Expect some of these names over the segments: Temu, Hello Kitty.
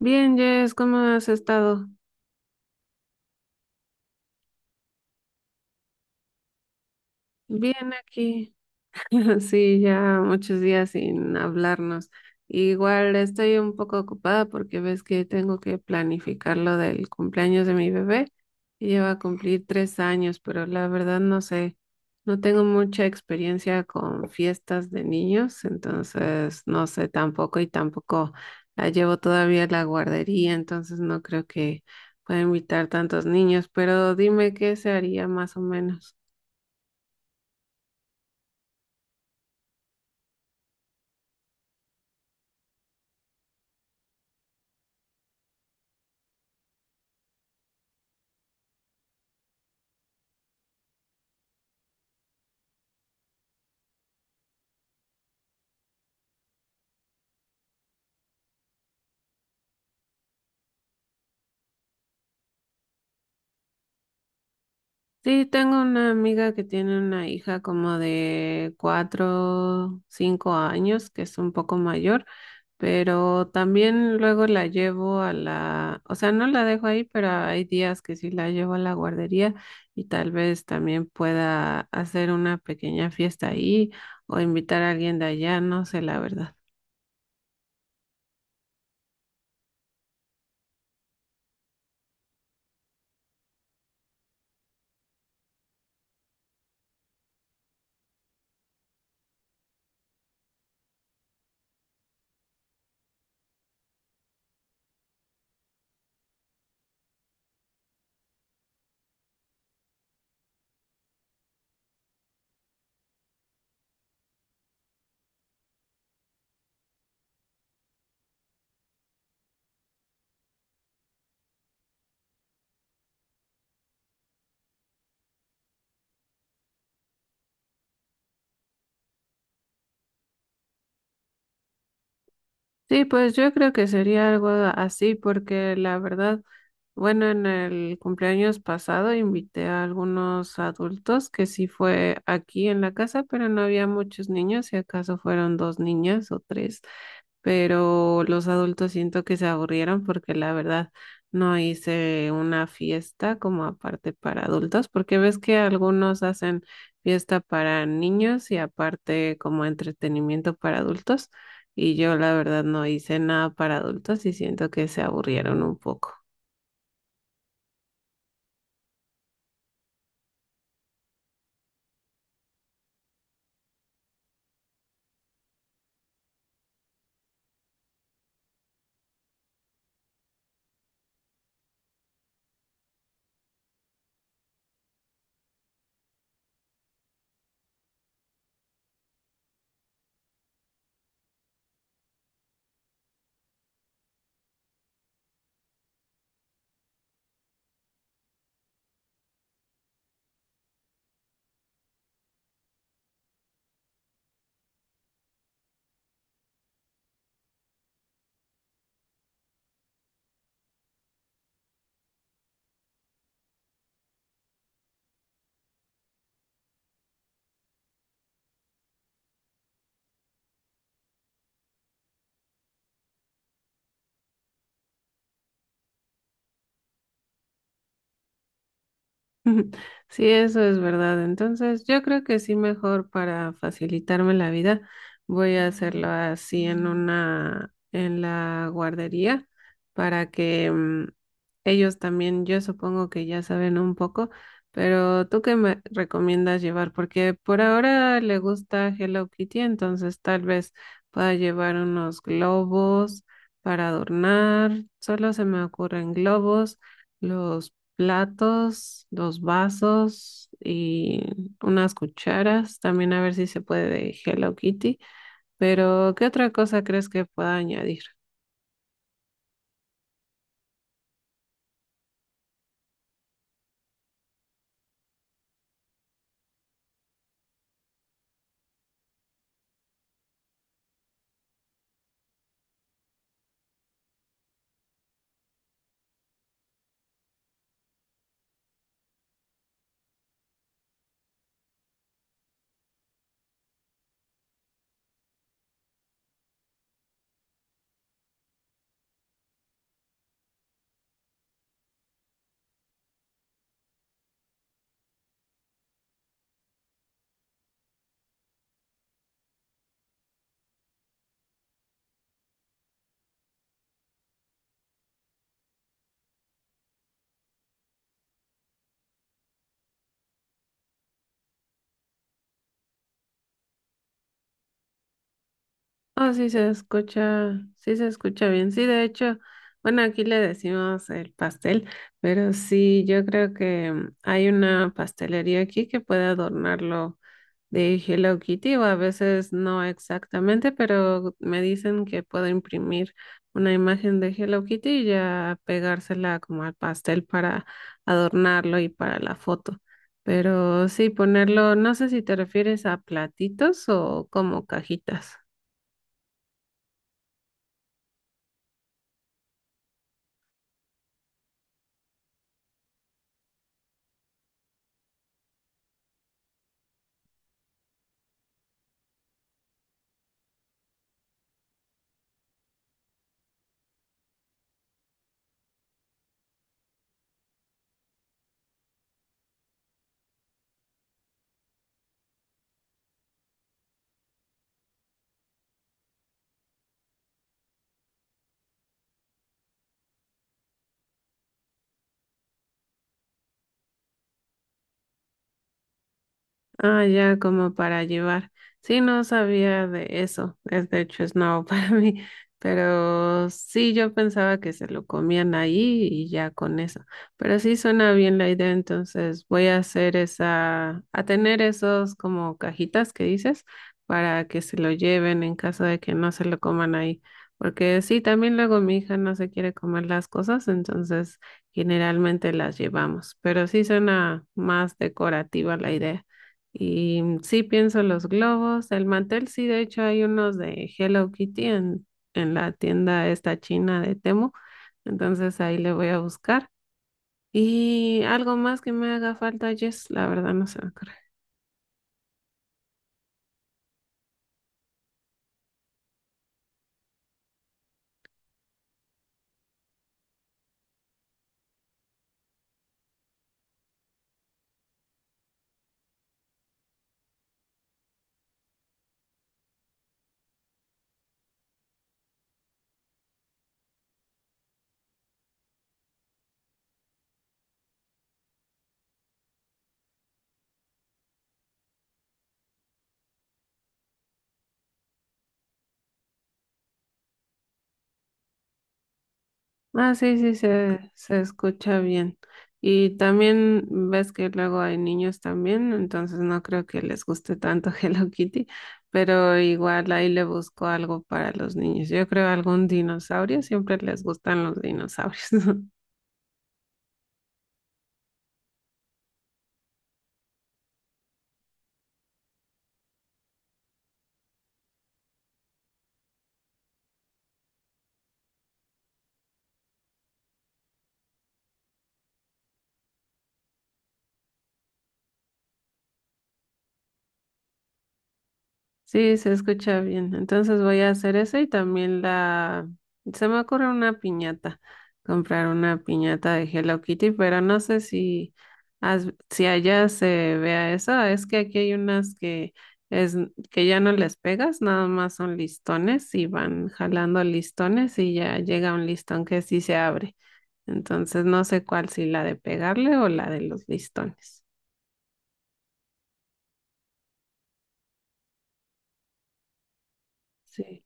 Bien, Jess, ¿cómo has estado? Bien aquí. Sí, ya muchos días sin hablarnos. Igual estoy un poco ocupada porque ves que tengo que planificar lo del cumpleaños de mi bebé, que lleva a cumplir 3 años, pero la verdad no sé, no tengo mucha experiencia con fiestas de niños, entonces no sé tampoco y tampoco la llevo todavía a la guardería, entonces no creo que pueda invitar tantos niños, pero dime qué se haría más o menos. Sí, tengo una amiga que tiene una hija como de 4, 5 años, que es un poco mayor, pero también luego la llevo a la, o sea, no la dejo ahí, pero hay días que sí la llevo a la guardería y tal vez también pueda hacer una pequeña fiesta ahí o invitar a alguien de allá, no sé, la verdad. Sí, pues yo creo que sería algo así, porque la verdad, bueno, en el cumpleaños pasado invité a algunos adultos que sí fue aquí en la casa, pero no había muchos niños, si acaso fueron dos niñas o tres, pero los adultos siento que se aburrieron porque la verdad no hice una fiesta como aparte para adultos, porque ves que algunos hacen fiesta para niños y aparte como entretenimiento para adultos, y yo la verdad no hice nada para adultos y siento que se aburrieron un poco. Ujú. Sí, eso es verdad. Entonces, yo creo que sí, mejor para facilitarme la vida, voy a hacerlo así en la guardería, para que ellos también, yo supongo que ya saben un poco, pero ¿tú qué me recomiendas llevar? Porque por ahora le gusta Hello Kitty, entonces tal vez pueda llevar unos globos para adornar. Solo se me ocurren globos, los platos, dos vasos y unas cucharas. También a ver si se puede de Hello Kitty. Pero, ¿qué otra cosa crees que pueda añadir? Ah, sí se escucha bien. Sí, de hecho, bueno, aquí le decimos el pastel, pero sí, yo creo que hay una pastelería aquí que puede adornarlo de Hello Kitty, o a veces no exactamente, pero me dicen que puedo imprimir una imagen de Hello Kitty y ya pegársela como al pastel para adornarlo y para la foto. Pero sí, ponerlo, no sé si te refieres a platitos o como cajitas. Ah, ya como para llevar. Sí, no sabía de eso. Es, de hecho es nuevo para mí, pero sí yo pensaba que se lo comían ahí y ya con eso. Pero sí suena bien la idea, entonces voy a hacer esa, a tener esos como cajitas que dices, para que se lo lleven en caso de que no se lo coman ahí. Porque sí, también luego mi hija no se quiere comer las cosas, entonces generalmente las llevamos. Pero sí suena más decorativa la idea. Y sí pienso los globos, el mantel. Sí, de hecho hay unos de Hello Kitty en la tienda esta china de Temu, entonces ahí le voy a buscar. Y algo más que me haga falta, Jess, la verdad no se me ocurre. Ah, sí, sí, se escucha bien. Y también ves que luego hay niños también, entonces no creo que les guste tanto Hello Kitty, pero igual ahí le busco algo para los niños. Yo creo algún dinosaurio, siempre les gustan los dinosaurios. Sí, se escucha bien. Entonces voy a hacer eso y también la... Se me ocurre una piñata, comprar una piñata de Hello Kitty, pero no sé si, si allá se vea eso. Ah, es que aquí hay unas que, es... que ya no les pegas, nada más son listones y van jalando listones y ya llega un listón que sí se abre. Entonces no sé cuál, si la de pegarle o la de los listones. Sí.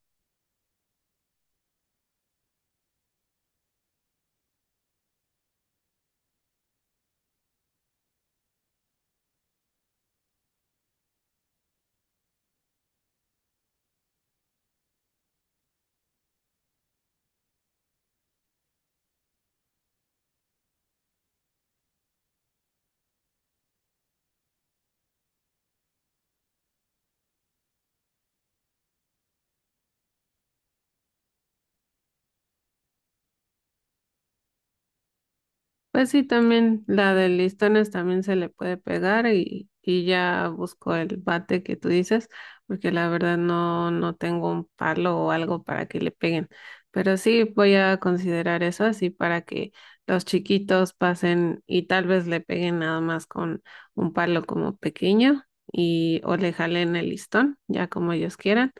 Pues sí, también la de listones también se le puede pegar, y ya busco el bate que tú dices, porque la verdad no, no tengo un palo o algo para que le peguen. Pero sí voy a considerar eso, así para que los chiquitos pasen y tal vez le peguen nada más con un palo como pequeño y o le jalen el listón, ya como ellos quieran.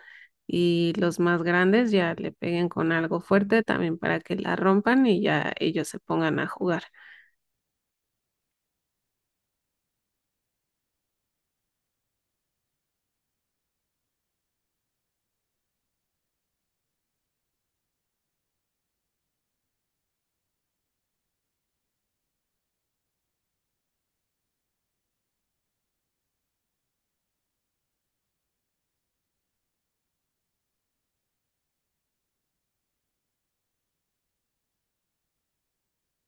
Y los más grandes ya le peguen con algo fuerte también para que la rompan y ya ellos se pongan a jugar.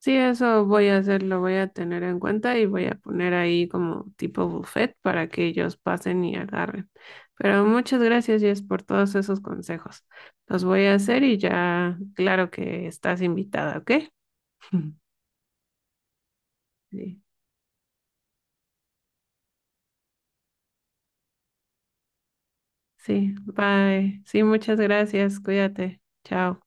Sí, eso voy a hacer, lo voy a tener en cuenta y voy a poner ahí como tipo buffet para que ellos pasen y agarren. Pero muchas gracias, Jess, por todos esos consejos. Los voy a hacer y ya, claro que estás invitada, ¿ok? Sí, sí, bye. Sí, muchas gracias, cuídate. Chao.